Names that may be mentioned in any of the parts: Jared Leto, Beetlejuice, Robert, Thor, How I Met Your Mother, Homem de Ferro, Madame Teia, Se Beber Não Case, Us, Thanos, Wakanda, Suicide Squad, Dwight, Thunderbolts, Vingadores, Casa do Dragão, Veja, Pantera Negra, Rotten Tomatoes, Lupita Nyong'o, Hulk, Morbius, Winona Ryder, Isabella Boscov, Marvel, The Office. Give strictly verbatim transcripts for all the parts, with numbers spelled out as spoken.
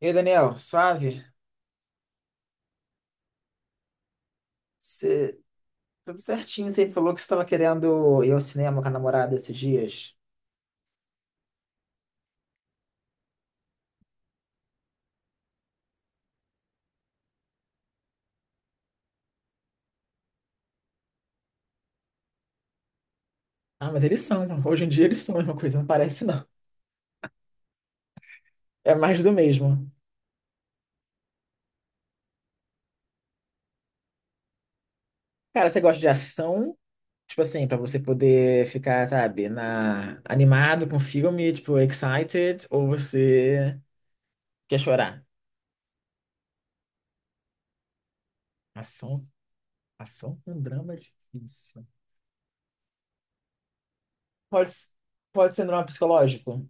E aí, Daniel, suave? Você, tudo certinho, você falou que você estava querendo ir ao cinema com a namorada esses dias. Ah, mas eles são, né? Hoje em dia eles são a mesma coisa, não parece não. É mais do mesmo. Cara, você gosta de ação? Tipo assim, pra você poder ficar, sabe, na... animado com o filme, tipo, excited, ou você quer chorar? Ação, ação com drama é difícil. Pode, pode ser um drama psicológico,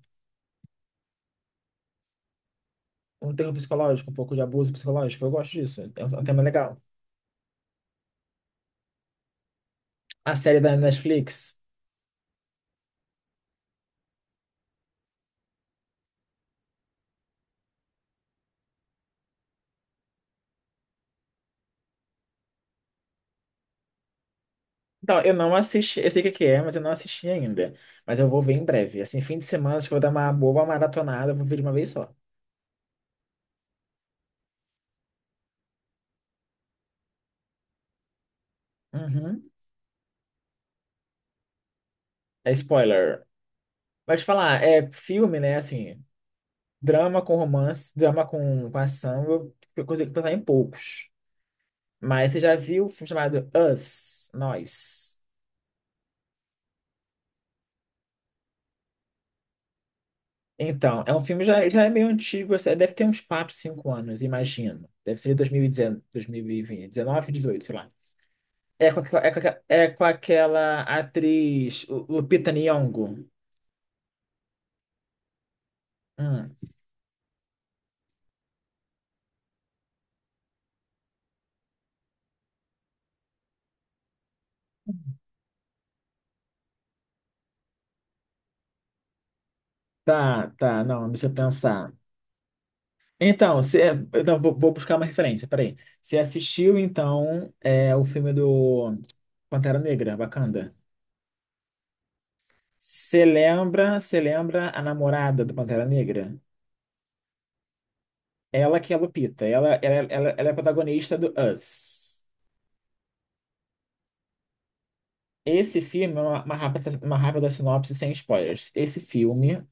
um terror psicológico, um pouco de abuso psicológico. Eu gosto disso, é um é um tema legal. A série da Netflix? Então, eu não assisti, eu sei o que que é, mas eu não assisti ainda. Mas eu vou ver em breve. Assim, fim de semana, acho que eu vou dar uma boa maratonada, eu vou ver de uma vez só. Uhum. É spoiler. Mas te falar, é filme, né? Assim, drama com romance, drama com, com ação, eu, eu consigo pensar em poucos. Mas você já viu o filme chamado Us, Nós? Então, é um filme já, já é meio antigo, assim, deve ter uns quatro cinco anos, imagino. Deve ser dois dois mil mil e dezenove, dois mil e vinte dois mil e dezenove, dezoito sei lá. É com, aquela- é, com, aquela- é com aquela atriz Lu- Lupita Nyong'o. Hum, tá, tá, não, deixa eu pensar. Então, você, então vou, vou buscar uma referência, peraí. Você assistiu, então, é, o filme do Pantera Negra, Wakanda? Você lembra, você lembra a namorada do Pantera Negra? Ela que é a Lupita, ela, ela, ela, ela é a protagonista do Us. Esse filme, é uma, uma rápida, uma rápida sinopse sem spoilers. Esse filme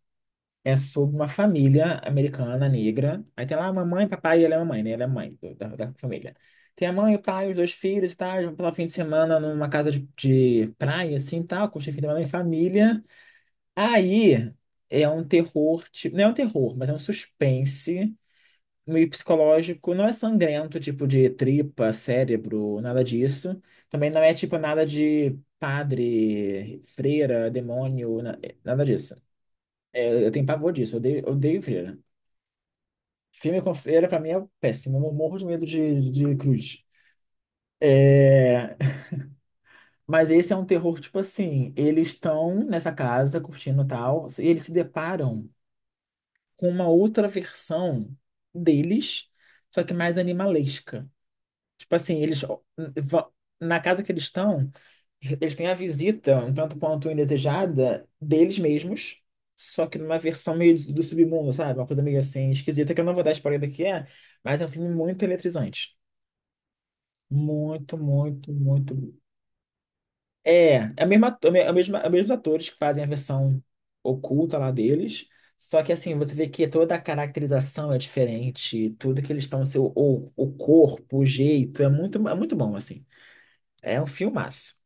é sobre uma família americana negra. Aí tem lá a mamãe, papai, e ela é a mamãe, né? Ela é a mãe do- da, da família. Tem a mãe, o pai, os dois filhos e tal. Eles vão passar o fim de semana numa casa de, de praia, assim e tal. Curtir o fim de semana em família. Aí é um terror, tipo. Não é um terror, mas é um suspense meio psicológico. Não é sangrento, tipo de tripa, cérebro, nada disso. Também não é tipo nada de padre, freira, demônio, na- nada disso. É, eu tenho pavor disso, eu odeio, eu odeio freira. Filme com freira, pra mim, é péssimo. Eu morro de medo de, de cruz. É, mas esse é um terror, tipo assim, eles estão nessa casa curtindo tal, e eles se deparam com uma outra versão deles, só que mais animalesca. Tipo assim, eles va- na casa que eles estão, eles têm a visita, um tanto quanto indesejada, deles mesmos, só que numa versão meio do do submundo, sabe? Uma coisa meio assim esquisita que eu não vou dar spoiler do que é, mas é um filme muito eletrizante. Muito, muito, muito. É, é a mesma, ato- é a mesma, é os mesmos atores que fazem a versão oculta lá deles. Só que assim, você vê que toda a caracterização é diferente, tudo que eles estão, seu, o, o corpo, o jeito, é muito, é muito bom, assim. É um filmaço.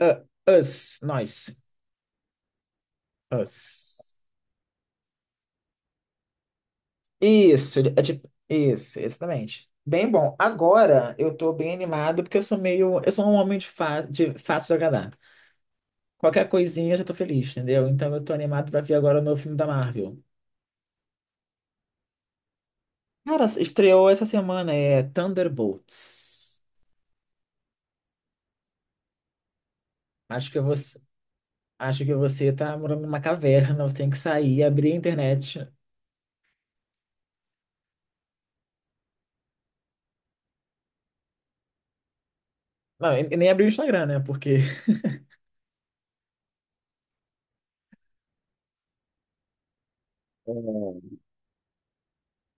U- Us, nós, Us. Isso, é tipo, isso, exatamente. Bem bom. Agora eu tô bem animado porque eu sou meio, eu sou um homem de, fa de fácil agradar. Qualquer coisinha eu já tô feliz, entendeu? Então eu tô animado pra ver agora o novo filme da Marvel. Cara, estreou essa semana, é Thunderbolts. Acho que você, acho que você tá morando numa caverna, você tem que sair, abrir a internet. Não, e- e nem abrir o Instagram, né? Porque Hum.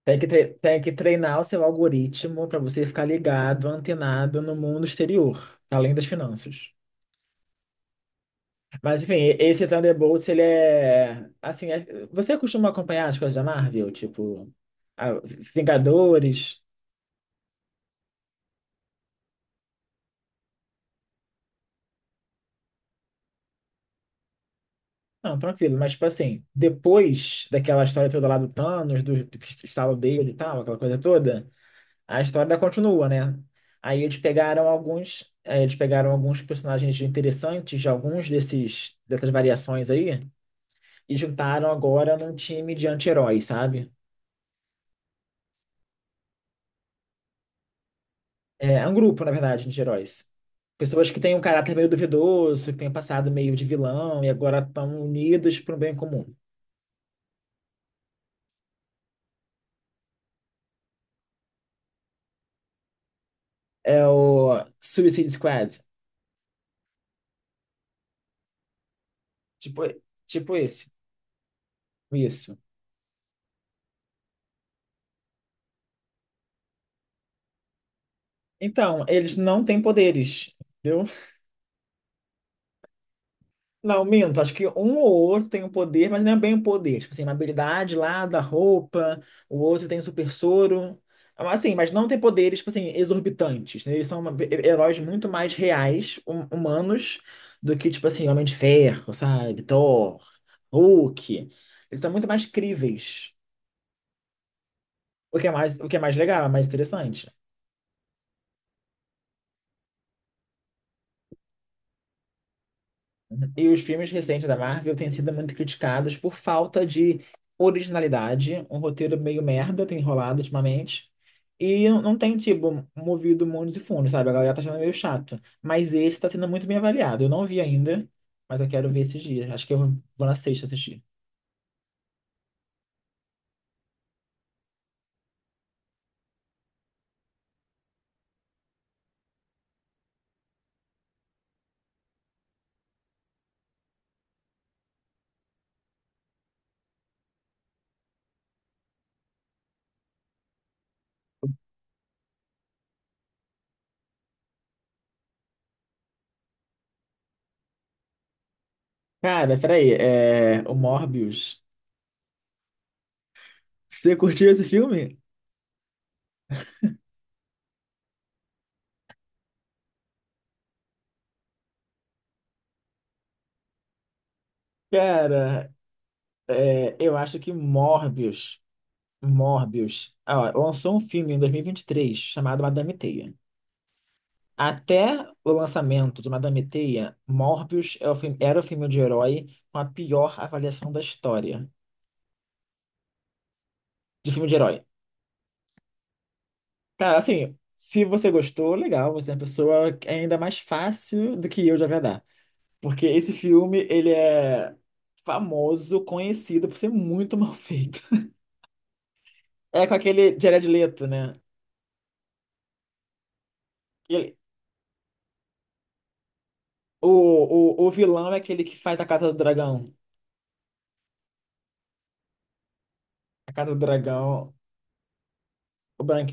tem que, tre- tem que treinar o seu algoritmo pra você ficar ligado, antenado no mundo exterior, além das finanças. Mas enfim, esse Thunderbolts, ele é. Assim, é- você costuma acompanhar as coisas da Marvel? Tipo, a- Vingadores. Não, tranquilo, mas tipo assim, depois daquela história toda lá do Thanos, do, do que estala o dedo e tal, aquela coisa toda, a história ainda continua, né? Aí eles pegaram alguns. aí eles pegaram alguns personagens interessantes de alguns desses, dessas variações aí, e juntaram agora num time de anti-heróis, sabe? É, é um grupo, na verdade, de heróis. Pessoas que têm um caráter meio duvidoso, que têm um passado meio de vilão e agora estão unidos para um bem comum. É o Suicide Squad. Tipo, tipo esse. Isso. Então, eles não têm poderes, entendeu? Não, minto, acho que um ou outro tem um poder, mas não é bem um poder. Tipo assim, uma habilidade lá da roupa, o outro tem super soro. ah, Assim, mas não tem poderes, tipo assim, exorbitantes, né? Eles são uma- heróis muito mais reais, hum- humanos, do que, tipo assim, Homem de Ferro, sabe? Thor, Hulk. Eles são muito mais críveis. O que é mais, o que é mais legal, é mais interessante. E os filmes recentes da Marvel têm sido muito criticados por falta de originalidade, um roteiro meio merda, tem enrolado ultimamente. E não não tem, tipo, movido o mundo de fundo, sabe? A galera tá achando meio chato. Mas esse tá sendo muito bem avaliado. Eu não vi ainda, mas eu quero ver esses dias. Acho que eu vou na sexta assistir. Cara, peraí, é... o Morbius. Você curtiu esse filme? Cara, é, eu acho que Morbius, Morbius, ah, ó, lançou um filme em dois mil e vinte e três chamado Madame Teia. Até o lançamento de Madame Teia, Morbius é o fi- era o filme de herói com a pior avaliação da história de filme de herói. Cara, assim, se você gostou, legal, você é uma pessoa que é ainda mais fácil do que eu de agradar. Porque esse filme, ele é famoso, conhecido por ser muito mal feito. É com aquele Jared Leto, né? Ele, o, o, o vilão é aquele que faz a Casa do Dragão. A Casa do Dragão, o branco.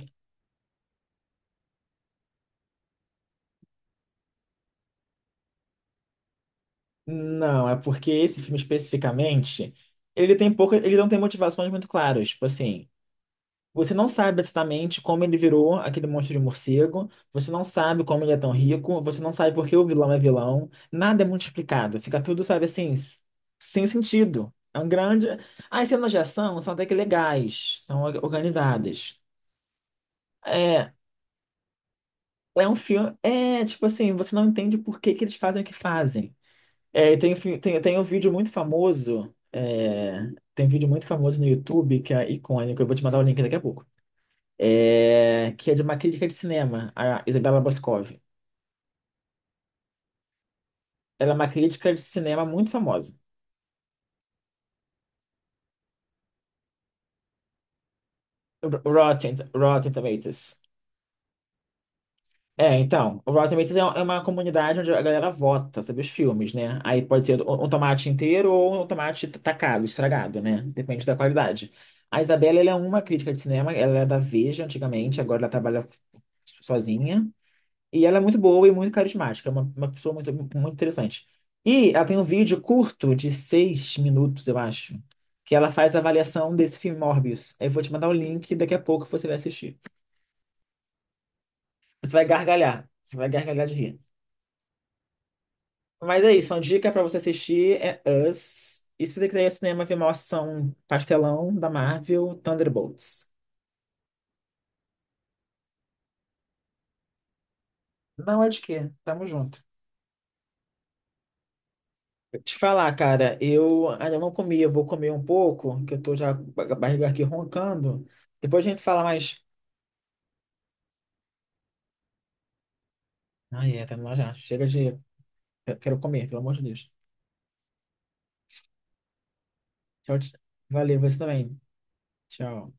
Não, é porque esse filme especificamente, ele tem pouco, ele não tem motivações muito claras. Tipo assim, você não sabe exatamente como ele virou aquele monstro de morcego, você não sabe como ele é tão rico, você não sabe por que o vilão é vilão, nada é muito explicado, fica tudo, sabe assim, s- sem sentido. É um grande. As cenas de ação são até que legais, são or- organizadas. É, é um filme. É, tipo assim, você não entende por que que eles fazem o que fazem. É, e tem, fi- tem, tem um vídeo muito famoso, é, tem um vídeo muito famoso no YouTube que é icônico, eu vou te mandar o link daqui a pouco, é, que é de uma crítica de cinema, a Isabella Boscov. Ela é uma crítica de cinema muito famosa. Rotten, Rotten Tomatoes. É, então, o Rotten Tomatoes é um, é uma comunidade onde a galera vota sobre os filmes, né? Aí pode ser um um tomate inteiro ou um tomate t- tacado, estragado, né? Depende da qualidade. A Isabela, ela é uma crítica de cinema, ela é da Veja antigamente, agora ela trabalha sozinha. E ela é muito boa e muito carismática, é uma, uma pessoa muito, muito interessante. E ela tem um vídeo curto de seis minutos, eu acho, que ela faz a avaliação desse filme Morbius. Eu vou te mandar o link daqui a pouco você vai assistir. Você vai gargalhar, você vai gargalhar de rir. Mas é isso, uma dica pra você assistir é Us. E se você quiser ir ao cinema ver uma ação pastelão da Marvel, Thunderbolts. Não é de quê? Tamo junto. Te falar, cara, eu ainda não comi, eu vou comer um pouco, que eu tô já com a barriga aqui roncando. Depois a gente fala mais. Ah é, tá indo lá já. Chega de. Eu quero comer, pelo amor de Deus. Tchau, tchau. Valeu, você também. Tchau.